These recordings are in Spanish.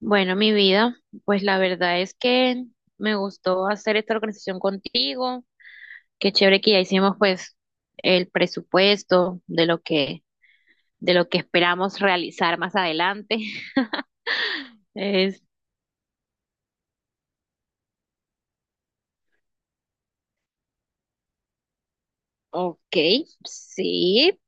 Bueno, mi vida, pues la verdad es que me gustó hacer esta organización contigo. Qué chévere que ya hicimos pues el presupuesto de lo que esperamos realizar más adelante. Es ok, sí,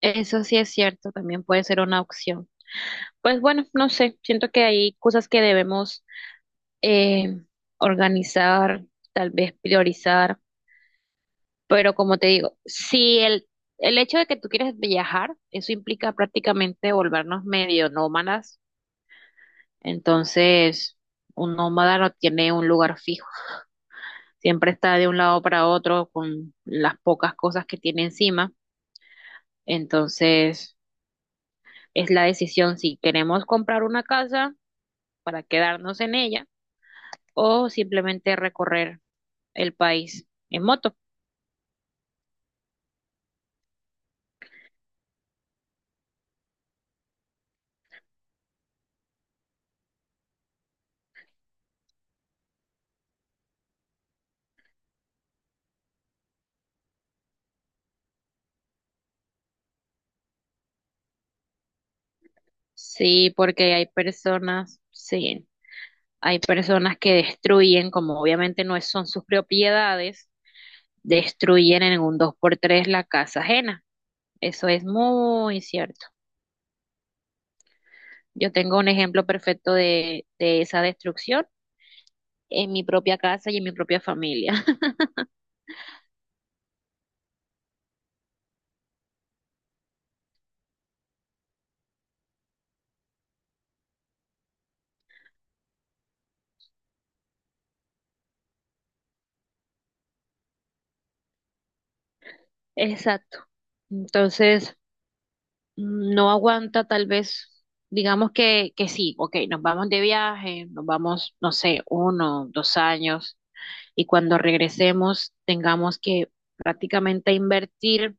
eso sí es cierto, también puede ser una opción. Pues bueno, no sé, siento que hay cosas que debemos eh, organizar, tal vez priorizar. Pero como te digo, si el hecho de que tú quieres viajar, eso implica prácticamente volvernos medio nómadas. Entonces, un nómada no tiene un lugar fijo. Siempre está de un lado para otro con las pocas cosas que tiene encima. Entonces, es la decisión si queremos comprar una casa para quedarnos en ella o simplemente recorrer el país en moto. Sí, porque hay personas, sí. Hay personas que destruyen, como obviamente no son sus propiedades, destruyen en un dos por tres la casa ajena. Eso es muy cierto. Yo tengo un ejemplo perfecto de esa destrucción en mi propia casa y en mi propia familia. Exacto. Entonces, no aguanta tal vez, digamos que sí, ok, nos vamos de viaje, nos vamos, no sé, uno, dos años, y cuando regresemos tengamos que prácticamente invertir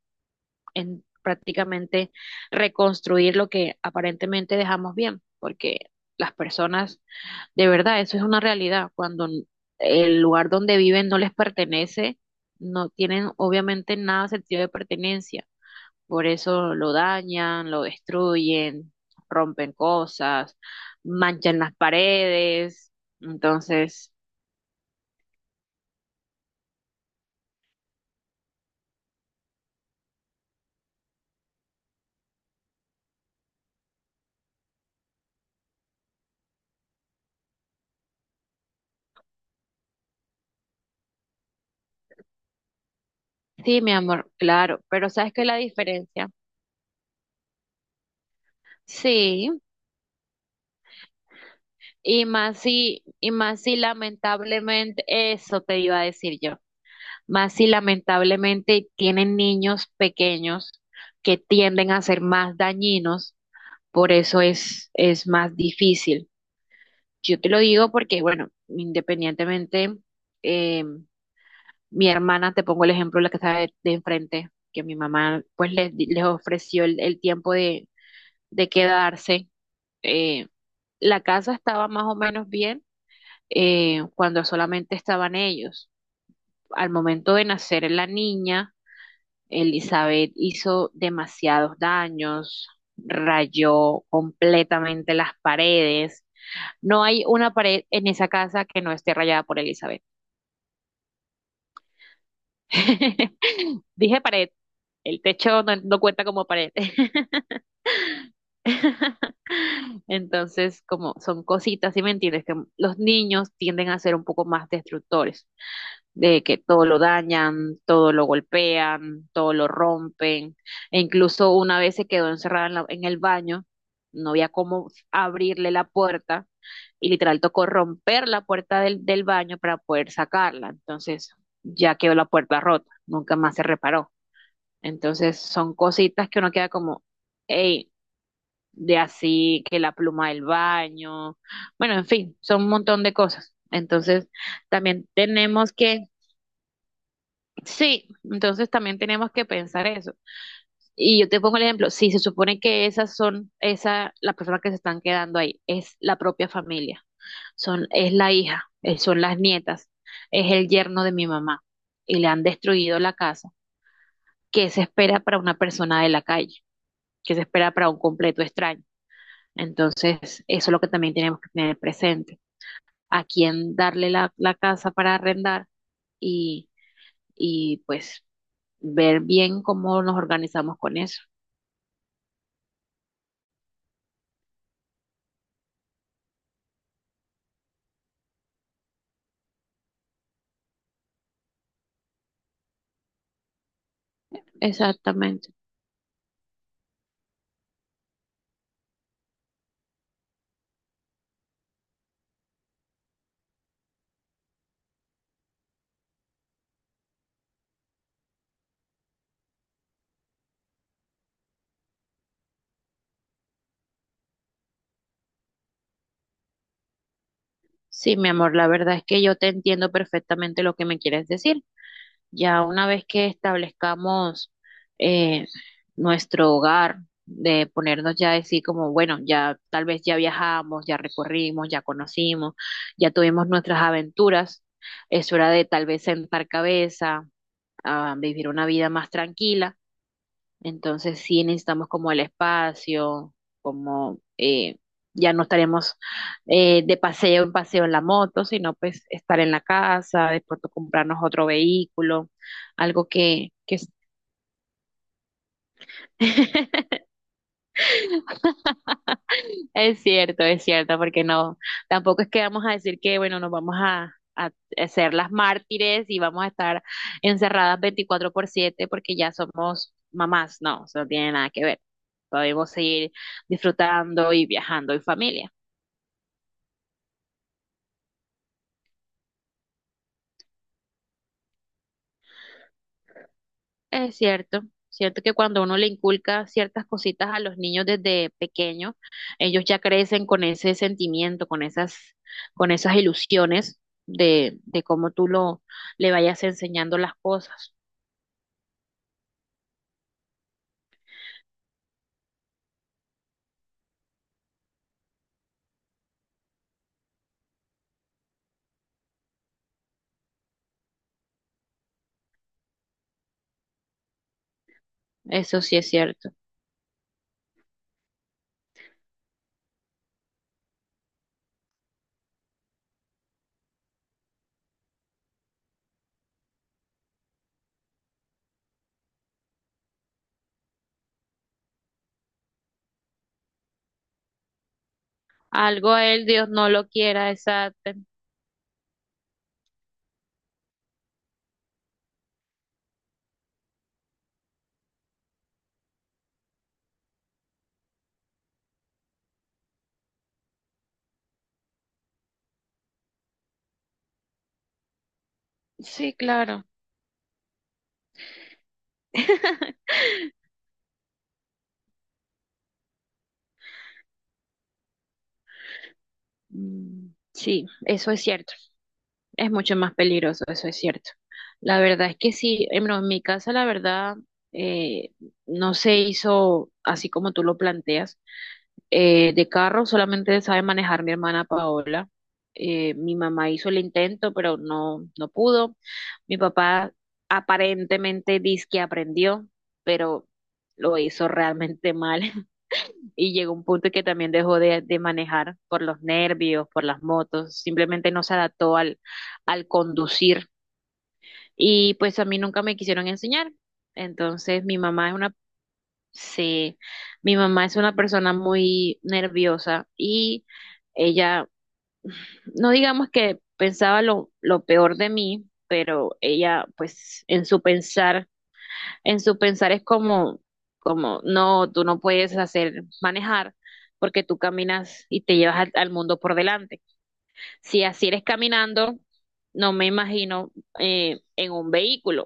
en prácticamente reconstruir lo que aparentemente dejamos bien, porque las personas, de verdad, eso es una realidad. Cuando el lugar donde viven no les pertenece, no tienen obviamente nada de sentido de pertenencia. Por eso lo dañan, lo destruyen, rompen cosas, manchan las paredes. Entonces, sí, mi amor, claro, pero ¿sabes qué es la diferencia? Sí. Y más si lamentablemente, eso te iba a decir yo, más si lamentablemente tienen niños pequeños que tienden a ser más dañinos, por eso es más difícil. Yo te lo digo porque, bueno, independientemente, eh, mi hermana, te pongo el ejemplo, la que está de enfrente, que mi mamá pues les ofreció el tiempo de quedarse. eh, la casa estaba más o menos bien cuando solamente estaban ellos. Al momento de nacer la niña, Elizabeth hizo demasiados daños, rayó completamente las paredes. No hay una pared en esa casa que no esté rayada por Elizabeth. Dije pared, el techo no, no cuenta como pared. Entonces, como son cositas, ¿sí me entiendes? Que los niños tienden a ser un poco más destructores. De que todo lo dañan, todo lo golpean, todo lo rompen, e incluso una vez se quedó encerrada en el baño, no había cómo abrirle la puerta y literal tocó romper la puerta del baño para poder sacarla, entonces ya quedó la puerta rota, nunca más se reparó, entonces son cositas que uno queda como, hey, de así que la pluma del baño, bueno, en fin, son un montón de cosas. Entonces también tenemos que Sí, entonces también tenemos que pensar eso. Y yo te pongo el ejemplo, si se supone que esas son, esa, las personas que se están quedando ahí, es la propia familia, son, es la hija, son las nietas, es el yerno de mi mamá, y le han destruido la casa, ¿qué se espera para una persona de la calle? ¿Qué se espera para un completo extraño? Entonces, eso es lo que también tenemos que tener presente, a quién darle la casa para arrendar y, pues ver bien cómo nos organizamos con eso. Exactamente. Sí, mi amor, la verdad es que yo te entiendo perfectamente lo que me quieres decir. Ya una vez que establezcamos eh, nuestro hogar, de ponernos ya a decir como, bueno, ya tal vez ya viajamos, ya recorrimos, ya conocimos, ya tuvimos nuestras aventuras, es hora de tal vez sentar cabeza, a vivir una vida más tranquila. Entonces sí necesitamos como el espacio, como, ya no estaremos de paseo en paseo en la moto, sino pues estar en la casa, de pronto comprarnos otro vehículo, algo que es cierto, es cierto, porque no, tampoco es que vamos a decir que, bueno, nos vamos a ser las mártires y vamos a estar encerradas 24/7 porque ya somos mamás, no, eso no tiene nada que ver. Podemos seguir disfrutando y viajando en familia. Es cierto, cierto que cuando uno le inculca ciertas cositas a los niños desde pequeños, ellos ya crecen con ese sentimiento, con esas ilusiones de cómo tú lo, le vayas enseñando las cosas. Eso sí es cierto. Algo a él, Dios no lo quiera, esa. Sí, claro. Mm, sí, eso es cierto. Es mucho más peligroso, eso es cierto. La verdad es que sí, en mi casa la verdad eh, no se hizo así como tú lo planteas. De carro solamente sabe manejar mi hermana Paola. Mi mamá hizo el intento, pero no, no pudo. Mi papá aparentemente dice que aprendió, pero lo hizo realmente mal y llegó un punto que también dejó de manejar por los nervios, por las motos, simplemente no se adaptó al conducir y pues a mí nunca me quisieron enseñar. Entonces mi mamá es una. Sí, mi mamá es una persona muy nerviosa y ella, no digamos que pensaba lo peor de mí, pero ella pues en su pensar, es como, no, tú no puedes hacer manejar porque tú caminas y te llevas al mundo por delante. Si así eres caminando, no me imagino en un vehículo.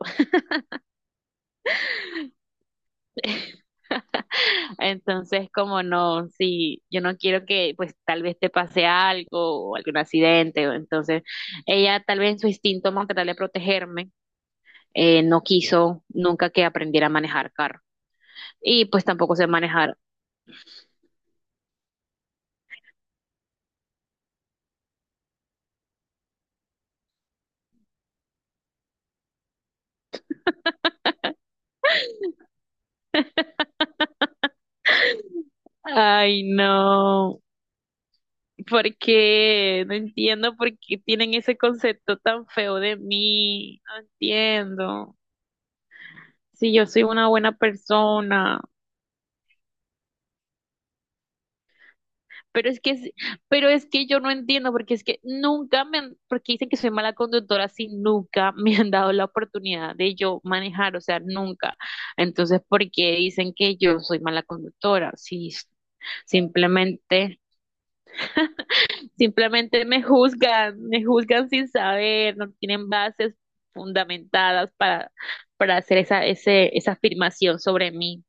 Entonces, como no, si yo no quiero que pues tal vez te pase algo o algún accidente, o entonces ella tal vez en su instinto más tratar de protegerme, no quiso nunca que aprendiera a manejar carro. Y pues tampoco sé manejar. Ay, no, ¿por qué? No entiendo por qué tienen ese concepto tan feo de mí. No entiendo. Si yo soy una buena persona. Pero es que, pero es que yo no entiendo, porque es que nunca me han, porque dicen que soy mala conductora, si nunca me han dado la oportunidad de yo manejar, o sea, nunca. Entonces, ¿por qué dicen que yo soy mala conductora? Si simplemente, simplemente me juzgan, sin saber, no tienen bases fundamentadas para hacer esa, ese, esa afirmación sobre mí.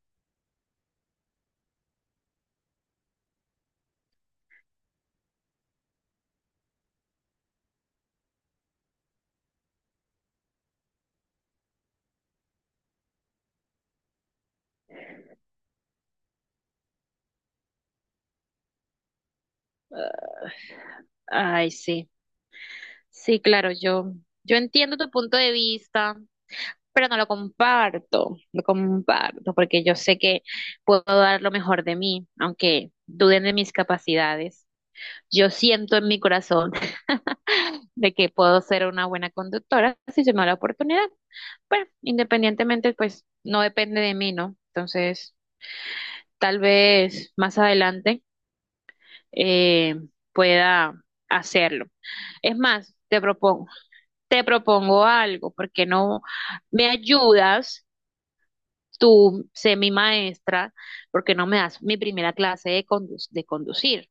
Ah, ay, sí. Sí, claro, yo entiendo tu punto de vista, pero no lo comparto, lo comparto, porque yo sé que puedo dar lo mejor de mí, aunque duden de mis capacidades. Yo siento en mi corazón de que puedo ser una buena conductora si se me da la oportunidad. Bueno, independientemente, pues no depende de mí, ¿no? Entonces, tal vez más adelante eh, pueda hacerlo. Es más, te propongo. Te propongo algo, ¿por qué no me ayudas? Tú, sé mi maestra, ¿por qué no me das mi primera clase de conducir?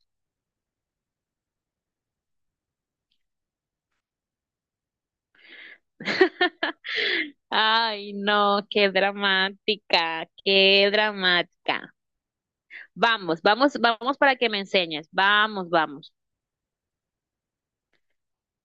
Ay, no, qué dramática, qué dramática. Vamos, vamos, vamos para que me enseñes. Vamos, vamos.